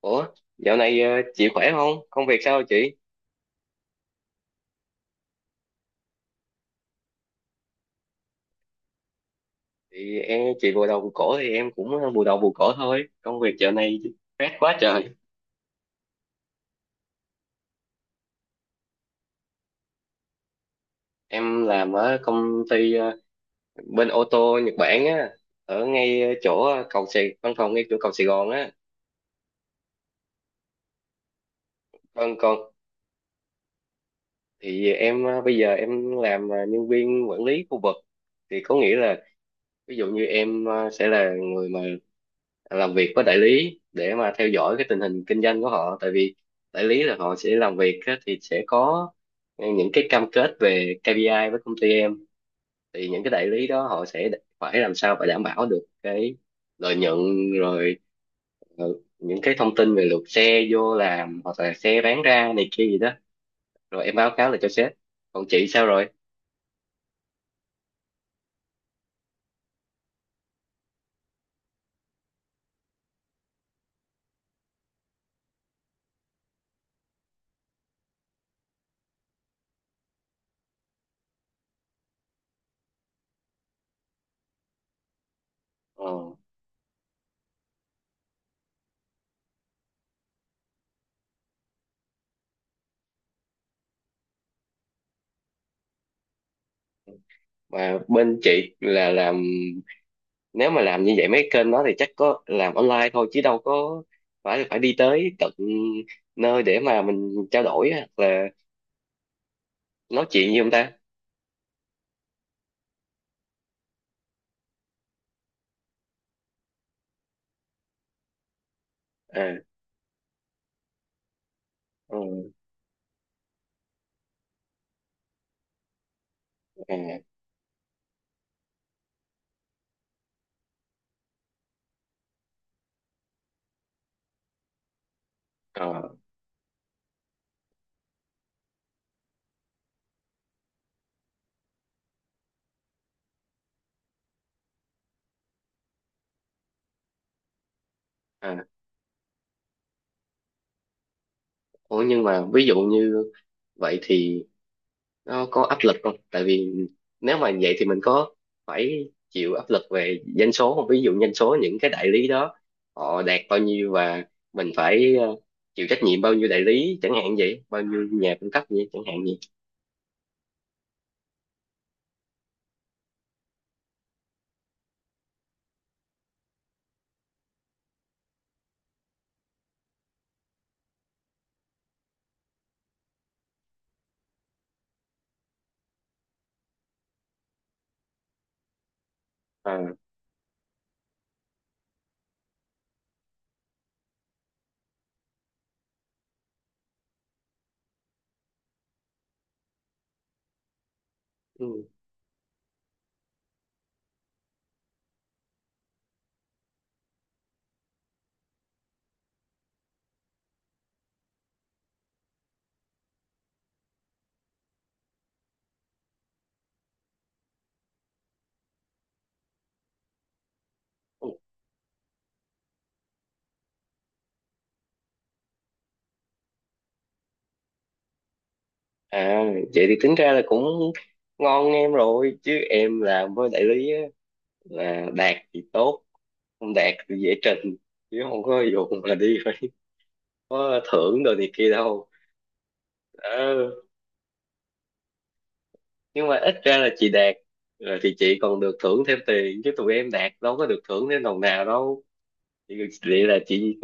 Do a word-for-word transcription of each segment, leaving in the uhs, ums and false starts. Ủa, dạo này ờ, chị khỏe không? Công việc sao chị? Thì em chị bù đầu bù cổ thì em cũng bù đầu bù cổ thôi. Công việc dạo này stress quá trời. Em làm ở công ty ờ, bên ô tô Nhật Bản á, ở ngay chỗ cầu Sài văn phòng ngay chỗ cầu Sài Gòn á. Vâng con, thì em ờ, bây giờ em làm ờ, nhân viên quản lý khu vực. Thì có nghĩa là ví dụ như em ờ, sẽ là người mà làm việc với đại lý để mà theo dõi cái tình hình kinh doanh của họ, tại vì đại lý là họ sẽ làm việc á, thì sẽ có những cái cam kết về kây pi ai với công ty em, thì những cái đại lý đó họ sẽ phải làm sao phải đảm bảo được cái lợi nhuận, rồi ờ, những cái thông tin về lượt xe vô làm hoặc là xe bán ra này kia gì đó, rồi em báo cáo lại cho sếp. Còn chị sao rồi, ờ, mà bên chị là làm, nếu mà làm như vậy mấy kênh đó thì chắc có làm online thôi chứ đâu có phải phải đi tới tận nơi để mà mình trao đổi hoặc là nói chuyện như ông ta. À, ừ, à, ờ, à. Ủa nhưng mà ví dụ như vậy thì nó có áp lực không, tại vì nếu mà vậy thì mình có phải chịu áp lực về doanh số không, ví dụ doanh số những cái đại lý đó họ đạt bao nhiêu và mình phải ờ, chịu trách nhiệm bao nhiêu đại lý chẳng hạn vậy, bao nhiêu nhà cung cấp vậy chẳng hạn vậy. À, ừ. À, vậy thì tính ra là cũng ngon em rồi, chứ em làm với đại lý á, là đạt thì tốt, không đạt thì dễ trình, chứ không có vụ mà đi phải có thưởng đồ này kia đâu. Ờ, nhưng mà ít ra là chị đạt rồi thì chị còn được thưởng thêm tiền, chứ tụi em đạt đâu có được thưởng thêm đồng nào đâu chị. Vậy là chị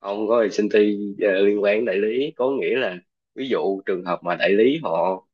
không có ty liên quan đến đại lý, có nghĩa là ví dụ trường hợp mà đại lý họ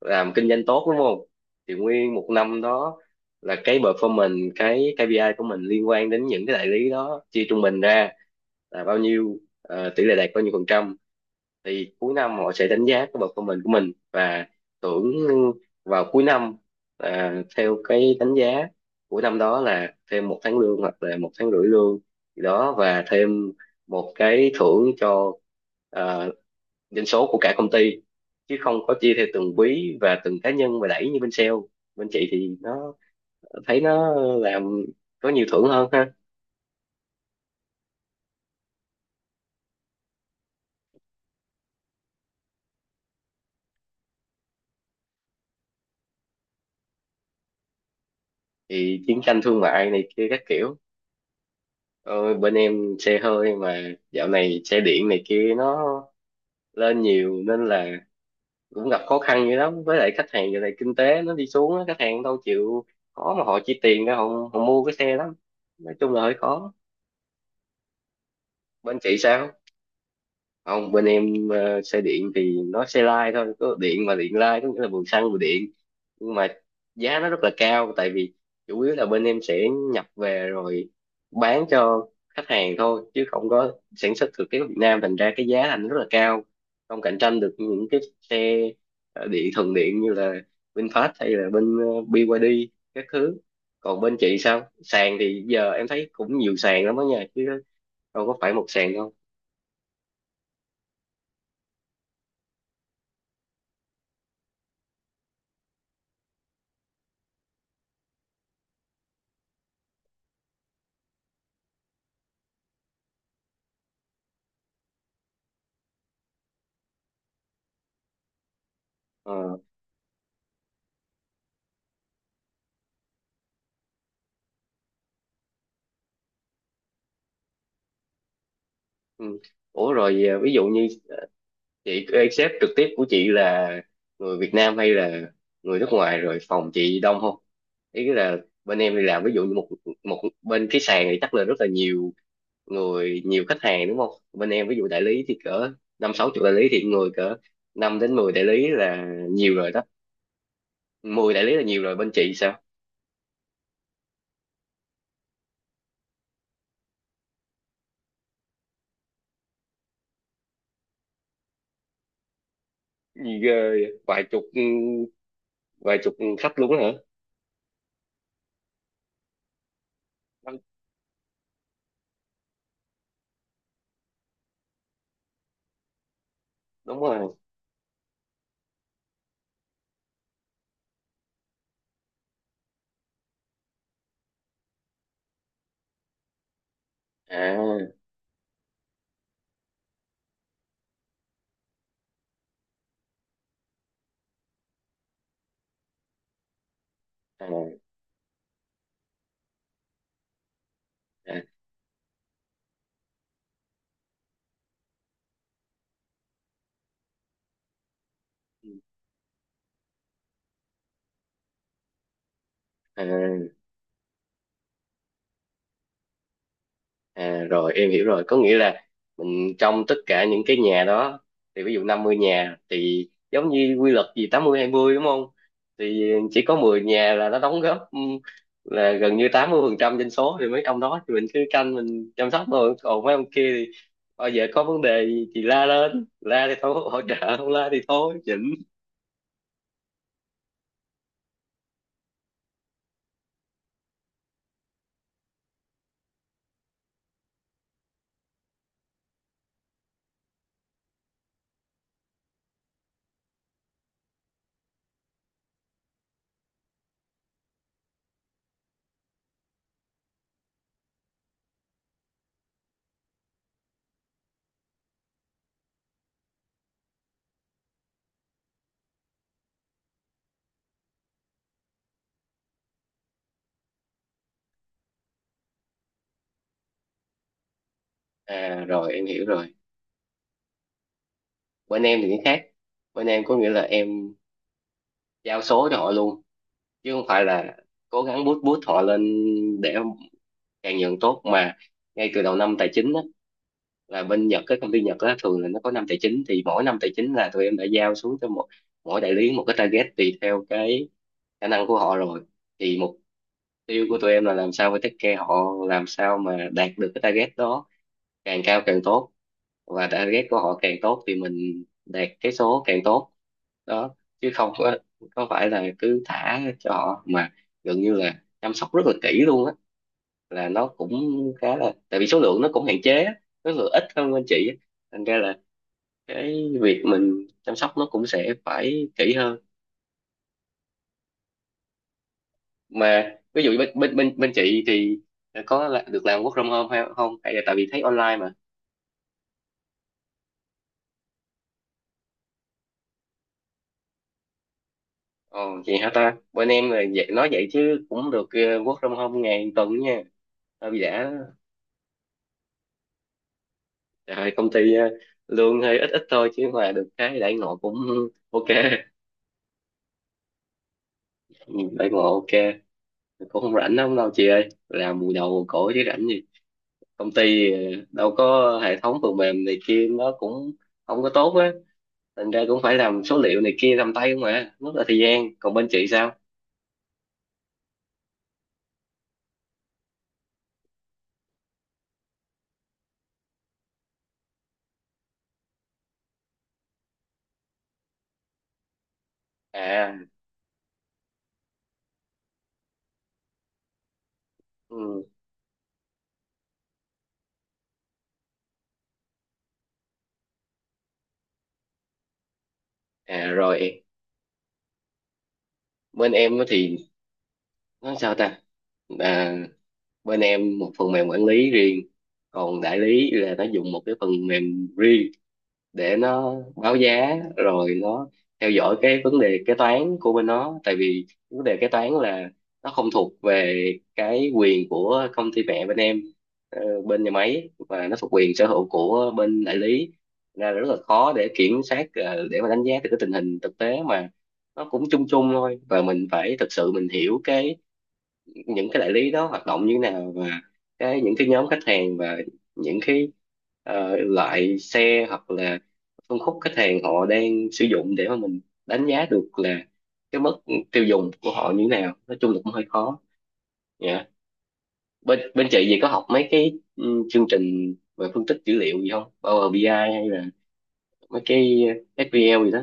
làm kinh doanh tốt đúng không, thì nguyên một năm đó là cái performance, cái ca pê i của mình liên quan đến những cái đại lý đó chia trung bình ra là bao nhiêu, ờ, tỷ lệ đạt bao nhiêu phần trăm, thì cuối năm họ sẽ đánh giá cái performance của mình của mình và thưởng vào cuối năm, à, theo cái đánh giá của năm đó là thêm một tháng lương hoặc là một tháng rưỡi lương gì đó, và thêm một cái thưởng cho, à, doanh số của cả công ty, chứ không có chia theo từng quý và từng cá nhân mà đẩy như bên sale. Bên chị thì nó, thấy nó làm có nhiều thưởng hơn ha, thì chiến tranh thương mại này kia các kiểu. Ôi, bên em xe hơi mà, dạo này xe điện này kia nó lên nhiều nên là cũng gặp khó khăn dữ lắm, với lại khách hàng giờ này kinh tế nó đi xuống á, khách hàng đâu chịu khó mà họ chi tiền ra họ, họ mua cái xe lắm, nói chung là hơi khó. Bên chị sao? Không, bên em ờ, xe điện thì nó xe lai thôi có điện, mà điện lai có nghĩa là vừa xăng vừa điện, nhưng mà giá nó rất là cao tại vì chủ yếu là bên em sẽ nhập về rồi bán cho khách hàng thôi chứ không có sản xuất thực tế ở Việt Nam, thành ra cái giá thành rất là cao, không cạnh tranh được những cái xe ờ, điện, thuần điện như là VinFast hay là bên ờ, bê i dê các thứ. Còn bên chị sao, sàn thì giờ em thấy cũng nhiều sàn lắm đó nha chứ đâu có phải một sàn đâu. Ờ. Ừ. Ủa rồi à, ví dụ như à, chị cái sếp trực tiếp của chị là người Việt Nam hay là người nước ngoài, rồi phòng chị đông không? Ý là bên em đi làm ví dụ như một một bên cái sàn thì chắc là rất là nhiều người, nhiều khách hàng đúng không? Bên em ví dụ đại lý thì cỡ năm sáu chục đại lý, thì người cỡ năm đến mười đại lý là nhiều rồi đó. Mười đại lý là nhiều rồi, bên chị sao? Ghê, vậy. Vài chục, vài chục khách luôn đó hả? Đúng đúng rồi. À, à, à. À. À, rồi em hiểu rồi, có nghĩa là mình trong tất cả những cái nhà đó, thì ví dụ năm mươi nhà thì giống như quy luật gì tám mươi hai mươi đúng không, thì chỉ có mười nhà là nó đóng góp, ừm, là gần như tám mươi phần trăm dân số, thì mấy ông đó thì mình cứ canh mình chăm sóc thôi, còn mấy ông kia thì bao giờ có vấn đề gì thì la lên, la thì thôi hỗ trợ, không la thì thôi chỉnh. À rồi em hiểu rồi, bên em thì cái khác, bên em có nghĩa là em giao số cho họ luôn chứ không phải là cố gắng boost boost họ lên để càng nhận tốt mà, ngay từ đầu năm tài chính á, là bên Nhật, cái công ty Nhật á, thường là nó có năm tài chính, thì mỗi năm tài chính là tụi em đã giao xuống cho một mỗi đại lý một cái target tùy theo cái khả năng của họ rồi, thì mục tiêu của tụi em là làm sao, với take care họ làm sao mà đạt được cái target đó càng cao càng tốt, và target của họ càng tốt thì mình đạt cái số càng tốt đó, chứ không có có phải là cứ thả cho họ, mà gần như là chăm sóc rất là kỹ luôn á, là nó cũng khá là, tại vì số lượng nó cũng hạn chế á, số lượng ít hơn bên chị á, thành ra là cái việc mình chăm sóc nó cũng sẽ phải kỹ hơn. Mà ví dụ bên bên bên, bên chị thì có là- được làm work from home hay không, hay là tại vì thấy online mà. Ồ, vậy hả ta? Bên em là vậy, nói vậy chứ cũng được ờ, work from home ngày tuần nha. Hôm giả trời ơi, công ty ờ, lương hơi ít ít thôi chứ mà được cái đãi ngộ cũng ok. Ừ, đãi ngộ ok, cũng không rảnh lắm đâu chị ơi, làm mùi đầu mùi cổ chứ rảnh gì. Công ty ờ, đâu có hệ thống phần mềm này kia nó cũng không có tốt á, thành ra cũng phải làm số liệu này kia làm tay không mà rất là thời gian, còn bên chị sao? À, ừ, à rồi, bên em á thì nó sao ta, à, bên em một phần mềm quản lý riêng, còn đại lý là nó dùng một cái phần mềm riêng để nó báo giá rồi nó theo dõi cái vấn đề kế toán của bên nó, tại vì vấn đề kế toán là nó không thuộc về cái quyền của công ty mẹ bên em, ờ, bên nhà máy, và nó thuộc quyền sở hữu của bên đại lý. Thành ra là rất là khó để kiểm soát, ờ, để mà đánh giá được cái tình hình thực tế mà nó cũng chung chung thôi, và mình phải thực sự mình hiểu cái những cái đại lý đó hoạt động như thế nào, và cái những cái nhóm khách hàng và những cái ờ, loại xe hoặc là phân khúc khách hàng họ đang sử dụng để mà mình đánh giá được là cái mức tiêu dùng của họ như thế nào, nói chung là cũng hơi khó. Dạ. Bên bên chị gì có học mấy cái ừ, chương trình về phân tích dữ liệu gì không, Power bê i ai hay là mấy cái ét quy lờ gì đó?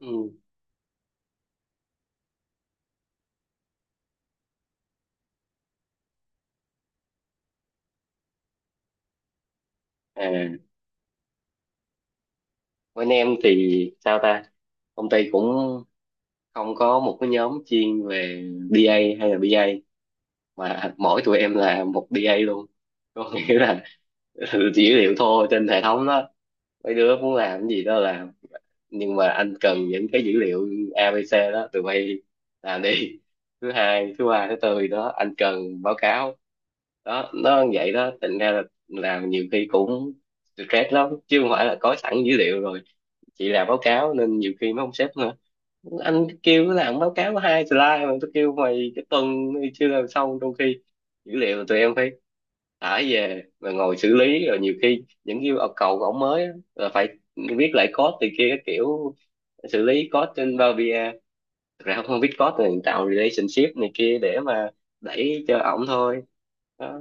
Ừ. À bên em thì sao ta, công ty cũng không có một cái nhóm chuyên về đê a hay là bi ai ai, mà mỗi tụi em là một đê a luôn, có nghĩa là dữ liệu thô trên hệ thống đó, mấy đứa muốn làm cái gì đó làm, nhưng mà anh cần những cái dữ liệu a bê xê đó tụi bay làm đi, thứ hai thứ ba thứ tư gì đó anh cần báo cáo. Đó, nó như vậy đó, thành ra là làm nhiều khi cũng stress lắm chứ không phải là có sẵn dữ liệu rồi chị làm báo cáo, nên nhiều khi mấy ông sếp nữa, anh kêu cứ làm báo cáo có hai slide mà tôi kêu mày cái tuần này chưa làm xong, trong khi dữ liệu tụi em phải thả về rồi ngồi xử lý, rồi nhiều khi những yêu cầu của ổng mới á, là phải viết lại code từ kia các kiểu, xử lý code trên Power bi ai ai. Thật ra không biết code thì tạo relationship này kia để mà đẩy cho ổng thôi. Đó,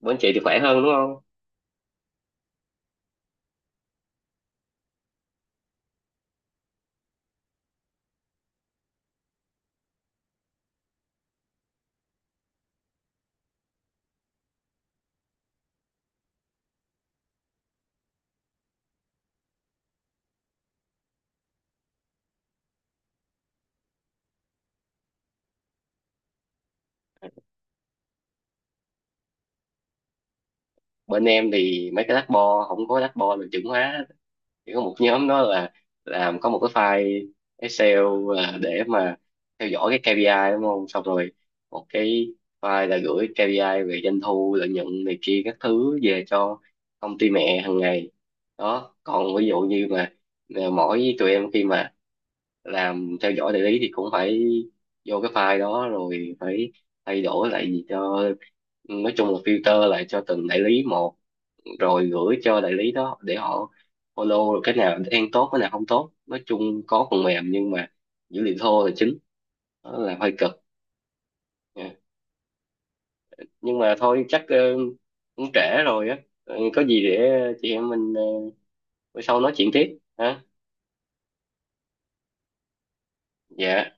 bên chị thì khỏe hơn đúng không? Bên em thì mấy cái lát bo, không có lát bo là chuẩn hóa hết, chỉ có một nhóm đó là làm có một cái file Excel là để mà theo dõi cái ca pê i đúng không, xong rồi một cái file là gửi ca pê i về doanh thu lợi nhuận này kia các thứ về cho công ty mẹ hàng ngày. Đó, còn ví dụ như mà mà mỗi tụi em khi mà làm theo dõi đại lý thì cũng phải vô cái file đó rồi phải thay đổi lại gì cho, nói chung là filter lại cho từng đại lý một rồi gửi cho đại lý đó để họ Olo cái nào đang tốt cái nào không tốt, nói chung có phần mềm nhưng mà dữ liệu thô là chính, đó là hơi cực nha. Nhưng mà thôi chắc ờ, cũng trễ rồi á. Ờ, có gì để chị em mình ờ, bữa sau nói chuyện tiếp ha. Dạ.